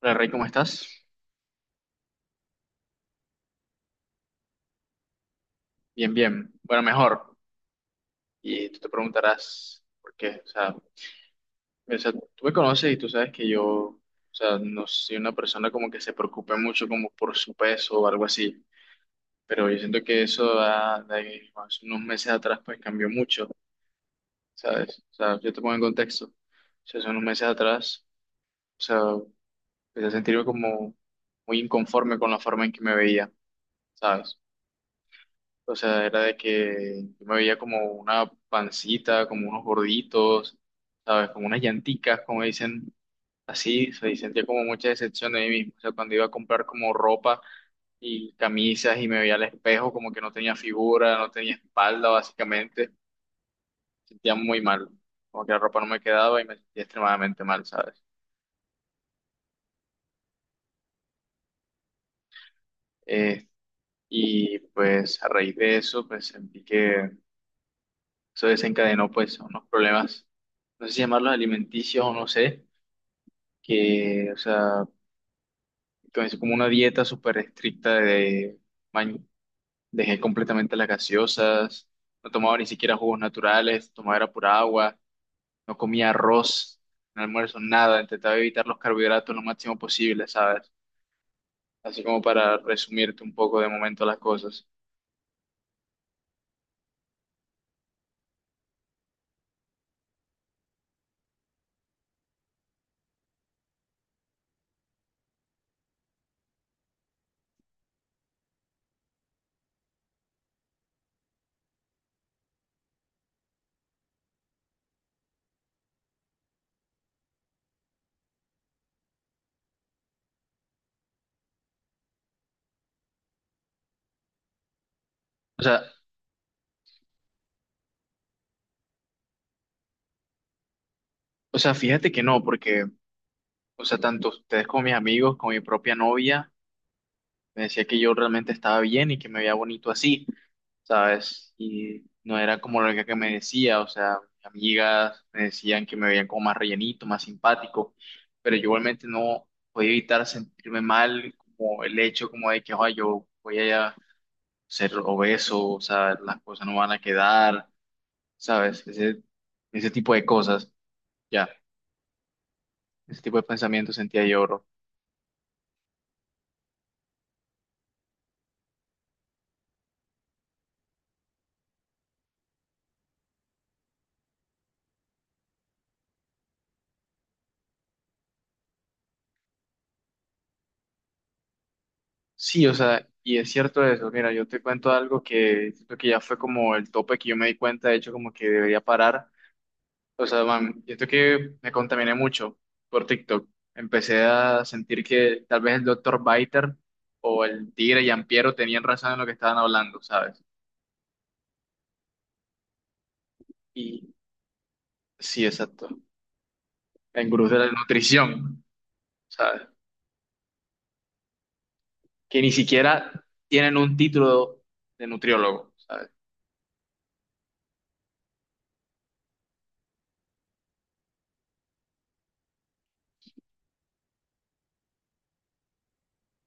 Hola Rey, ¿cómo estás? Bien, bien. Bueno, mejor. Y tú te preguntarás por qué. O sea, tú me conoces y tú sabes que yo, o sea, no soy una persona como que se preocupe mucho como por su peso o algo así. Pero yo siento que eso de hace unos meses atrás pues cambió mucho, ¿sabes? O sea, yo te pongo en contexto. O sea, hace unos meses atrás, o sea, empecé a sentirme como muy inconforme con la forma en que me veía, ¿sabes? O sea, era de que yo me veía como una pancita, como unos gorditos, ¿sabes? Como unas llanticas, como dicen así. O sea, y sentía como mucha decepción de mí mismo. O sea, cuando iba a comprar como ropa y camisas y me veía al espejo, como que no tenía figura, no tenía espalda, básicamente. Sentía muy mal. Como que la ropa no me quedaba y me sentía extremadamente mal, ¿sabes? Eh, y pues a raíz de eso, pues sentí que eso desencadenó pues unos problemas, no sé si llamarlos alimenticios o no sé que, o sea, es como una dieta súper estricta de, man- dejé completamente las gaseosas, no tomaba ni siquiera jugos naturales, tomaba era pura agua, no comía arroz, no almuerzo, nada, intentaba evitar los carbohidratos lo máximo posible, ¿sabes? Así como para resumirte un poco de momento las cosas. O sea, o sea, fíjate que no, porque, o sea, tanto ustedes como mis amigos, como mi propia novia, me decía que yo realmente estaba bien y que me veía bonito así, ¿sabes? Y no era como lo que me decía, o sea, mis amigas me decían que me veían como más rellenito, más simpático, pero yo igualmente no podía evitar sentirme mal, como el hecho como de que, "Ay, yo voy a ser obeso, o sea, las cosas no van a quedar, ¿sabes? Ese tipo de cosas, ya, ese tipo de pensamientos sentía yo, bro. Sí, o sea, y es cierto eso. Mira, yo te cuento algo que siento que ya fue como el tope que yo me di cuenta, de hecho, como que debería parar. O sea, man, siento que me contaminé mucho por TikTok. Empecé a sentir que tal vez el doctor Biter o el Tigre Yampiero tenían razón en lo que estaban hablando, ¿sabes? Y sí, exacto. En gurús de la nutrición, ¿sabes? Que ni siquiera tienen un título de nutriólogo, ¿sabes?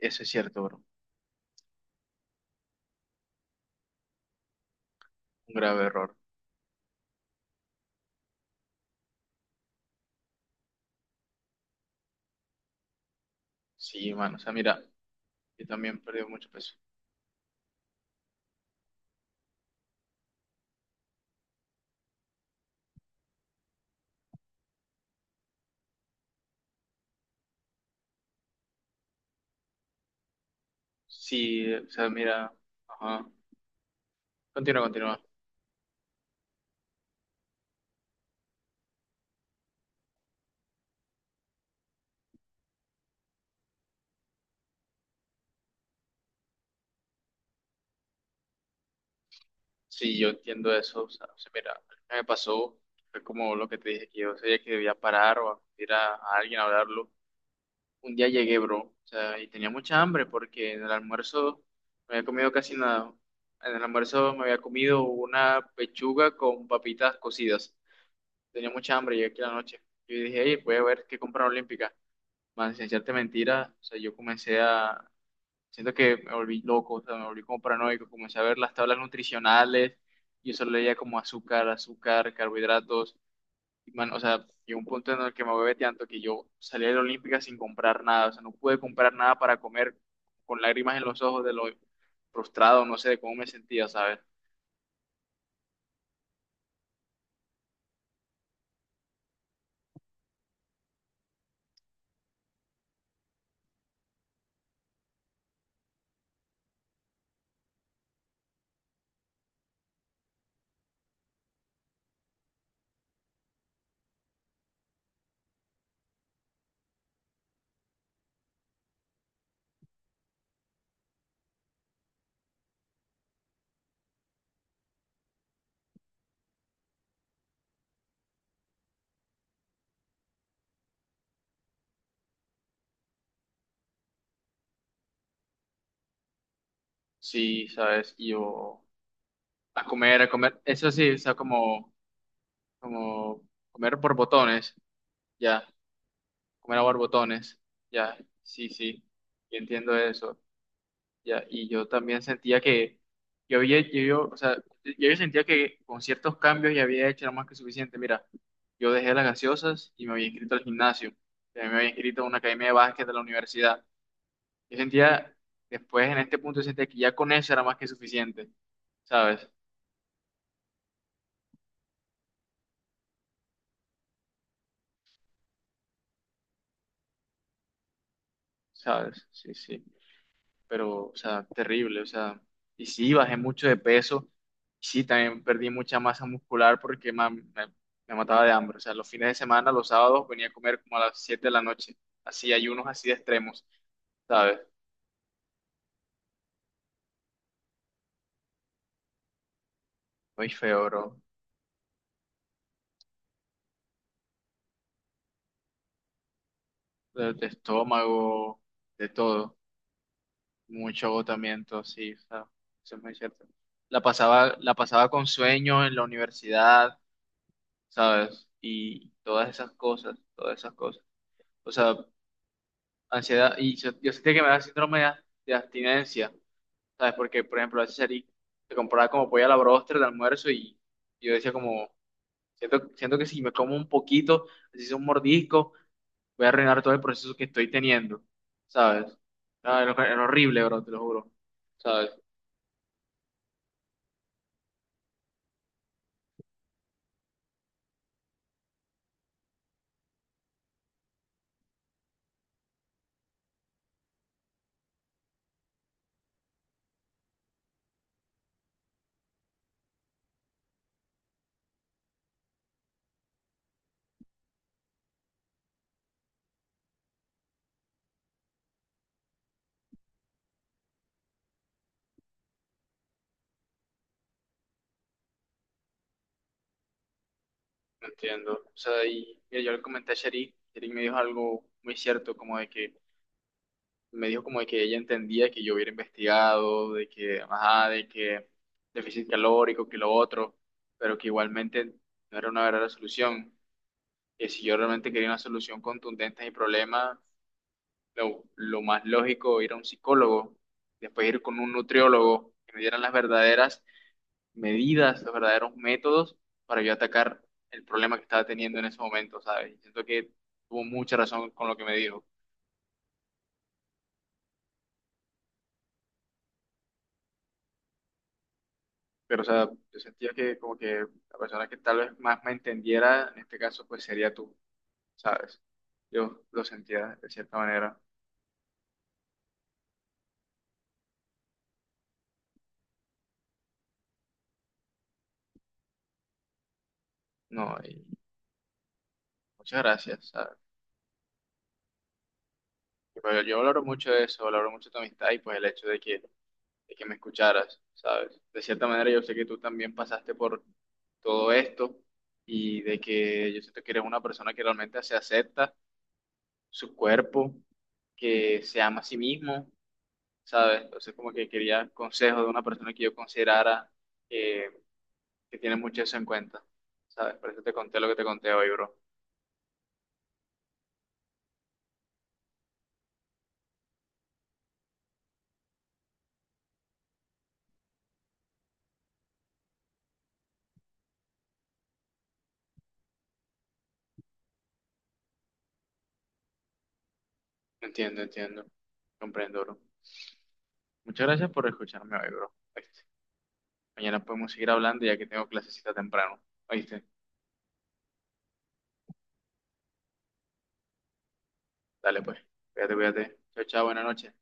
Eso es cierto, bro. Un grave error. Sí, mano. O sea, mira. Yo también perdí mucho peso. Sí, o sea, mira, ajá. Continúa, continúa. Sí, yo entiendo eso. O sea, mira, lo que me pasó fue como lo que te dije, que yo sabía que debía parar o acudir a alguien a hablarlo. Un día llegué, bro, o sea, y tenía mucha hambre porque en el almuerzo me había comido casi nada. En el almuerzo me había comido una pechuga con papitas cocidas. Tenía mucha hambre, llegué aquí a la noche. Yo dije, hey, voy a ver qué compra Olímpica. Man, sin echarte mentira, o sea, yo comencé a. Siento que me volví loco, o sea, me volví como paranoico, comencé a ver las tablas nutricionales, y eso solo leía como azúcar, azúcar, carbohidratos, y man, o sea, llegó un punto en el que me bebé tanto que yo salí de la Olímpica sin comprar nada, o sea, no pude comprar nada para comer con lágrimas en los ojos de lo frustrado, no sé, de cómo me sentía, ¿sabes? Sí, ¿sabes? Y yo a comer, eso sí, o sea, como, como comer por botones, ya, comer a borbotones, ya, sí, sí, yo entiendo eso. Ya, y yo también sentía que yo había, yo, yo sentía que con ciertos cambios ya había hecho era más que suficiente. Mira, yo dejé las gaseosas y me había inscrito al gimnasio, también me había inscrito a una academia de básquet de la universidad. Yo sentía, después en este punto, yo sentía que ya con eso era más que suficiente, ¿sabes? ¿Sabes? Sí, sí. Pero, o sea, terrible, o sea, y sí, bajé mucho de peso, y sí, también perdí mucha masa muscular porque me mataba de hambre, o sea, los fines de semana, los sábados, venía a comer como a las 7 de la noche, así, ayunos así de extremos, ¿sabes? Muy feo, bro, de estómago, de todo, mucho agotamiento, sí, o sea, eso es muy cierto. La pasaba con sueño en la universidad, ¿sabes? Y todas esas cosas, todas esas cosas. O sea, ansiedad, y yo sentía que me daba síndrome de abstinencia, ¿sabes? Porque, por ejemplo, a veces salí, me compraba como pollo a la bróster de almuerzo y yo decía como, siento, siento que si me como un poquito, así sea un mordisco, voy a arruinar todo el proceso que estoy teniendo, ¿sabes? Era horrible, bro, te lo juro, ¿sabes? No entiendo. O sea, y yo le comenté a Shari, Shari me dijo algo muy cierto, como de que me dijo como de que ella entendía que yo hubiera investigado, de que, ajá, de que déficit calórico, que lo otro, pero que igualmente no era una verdadera solución. Que si yo realmente quería una solución contundente a mi problema, lo más lógico ir a un psicólogo, después ir con un nutriólogo, que me dieran las verdaderas medidas, los verdaderos métodos para yo atacar el problema que estaba teniendo en ese momento, ¿sabes? Y siento que tuvo mucha razón con lo que me dijo. Pero, o sea, yo sentía que como que la persona que tal vez más me entendiera, en este caso, pues sería tú, ¿sabes? Yo lo sentía de cierta manera. No, y muchas gracias, ¿sabes? Pero yo valoro mucho eso, valoro mucho tu amistad y pues el hecho de que me escucharas, ¿sabes? De cierta manera yo sé que tú también pasaste por todo esto y de que yo siento que eres una persona que realmente se acepta su cuerpo, que se ama a sí mismo, ¿sabes? Entonces, como que quería consejos de una persona que yo considerara eh, que tiene mucho eso en cuenta, ¿sabes? Por eso te conté lo que te conté hoy, bro. Entiendo, entiendo. Comprendo, bro. Muchas gracias por escucharme hoy, bro. ¿Oíste? Mañana podemos seguir hablando ya que tengo clasecita temprano. ¿Oíste? Dale, pues. Cuídate, cuídate. Chao, chao, buena noche.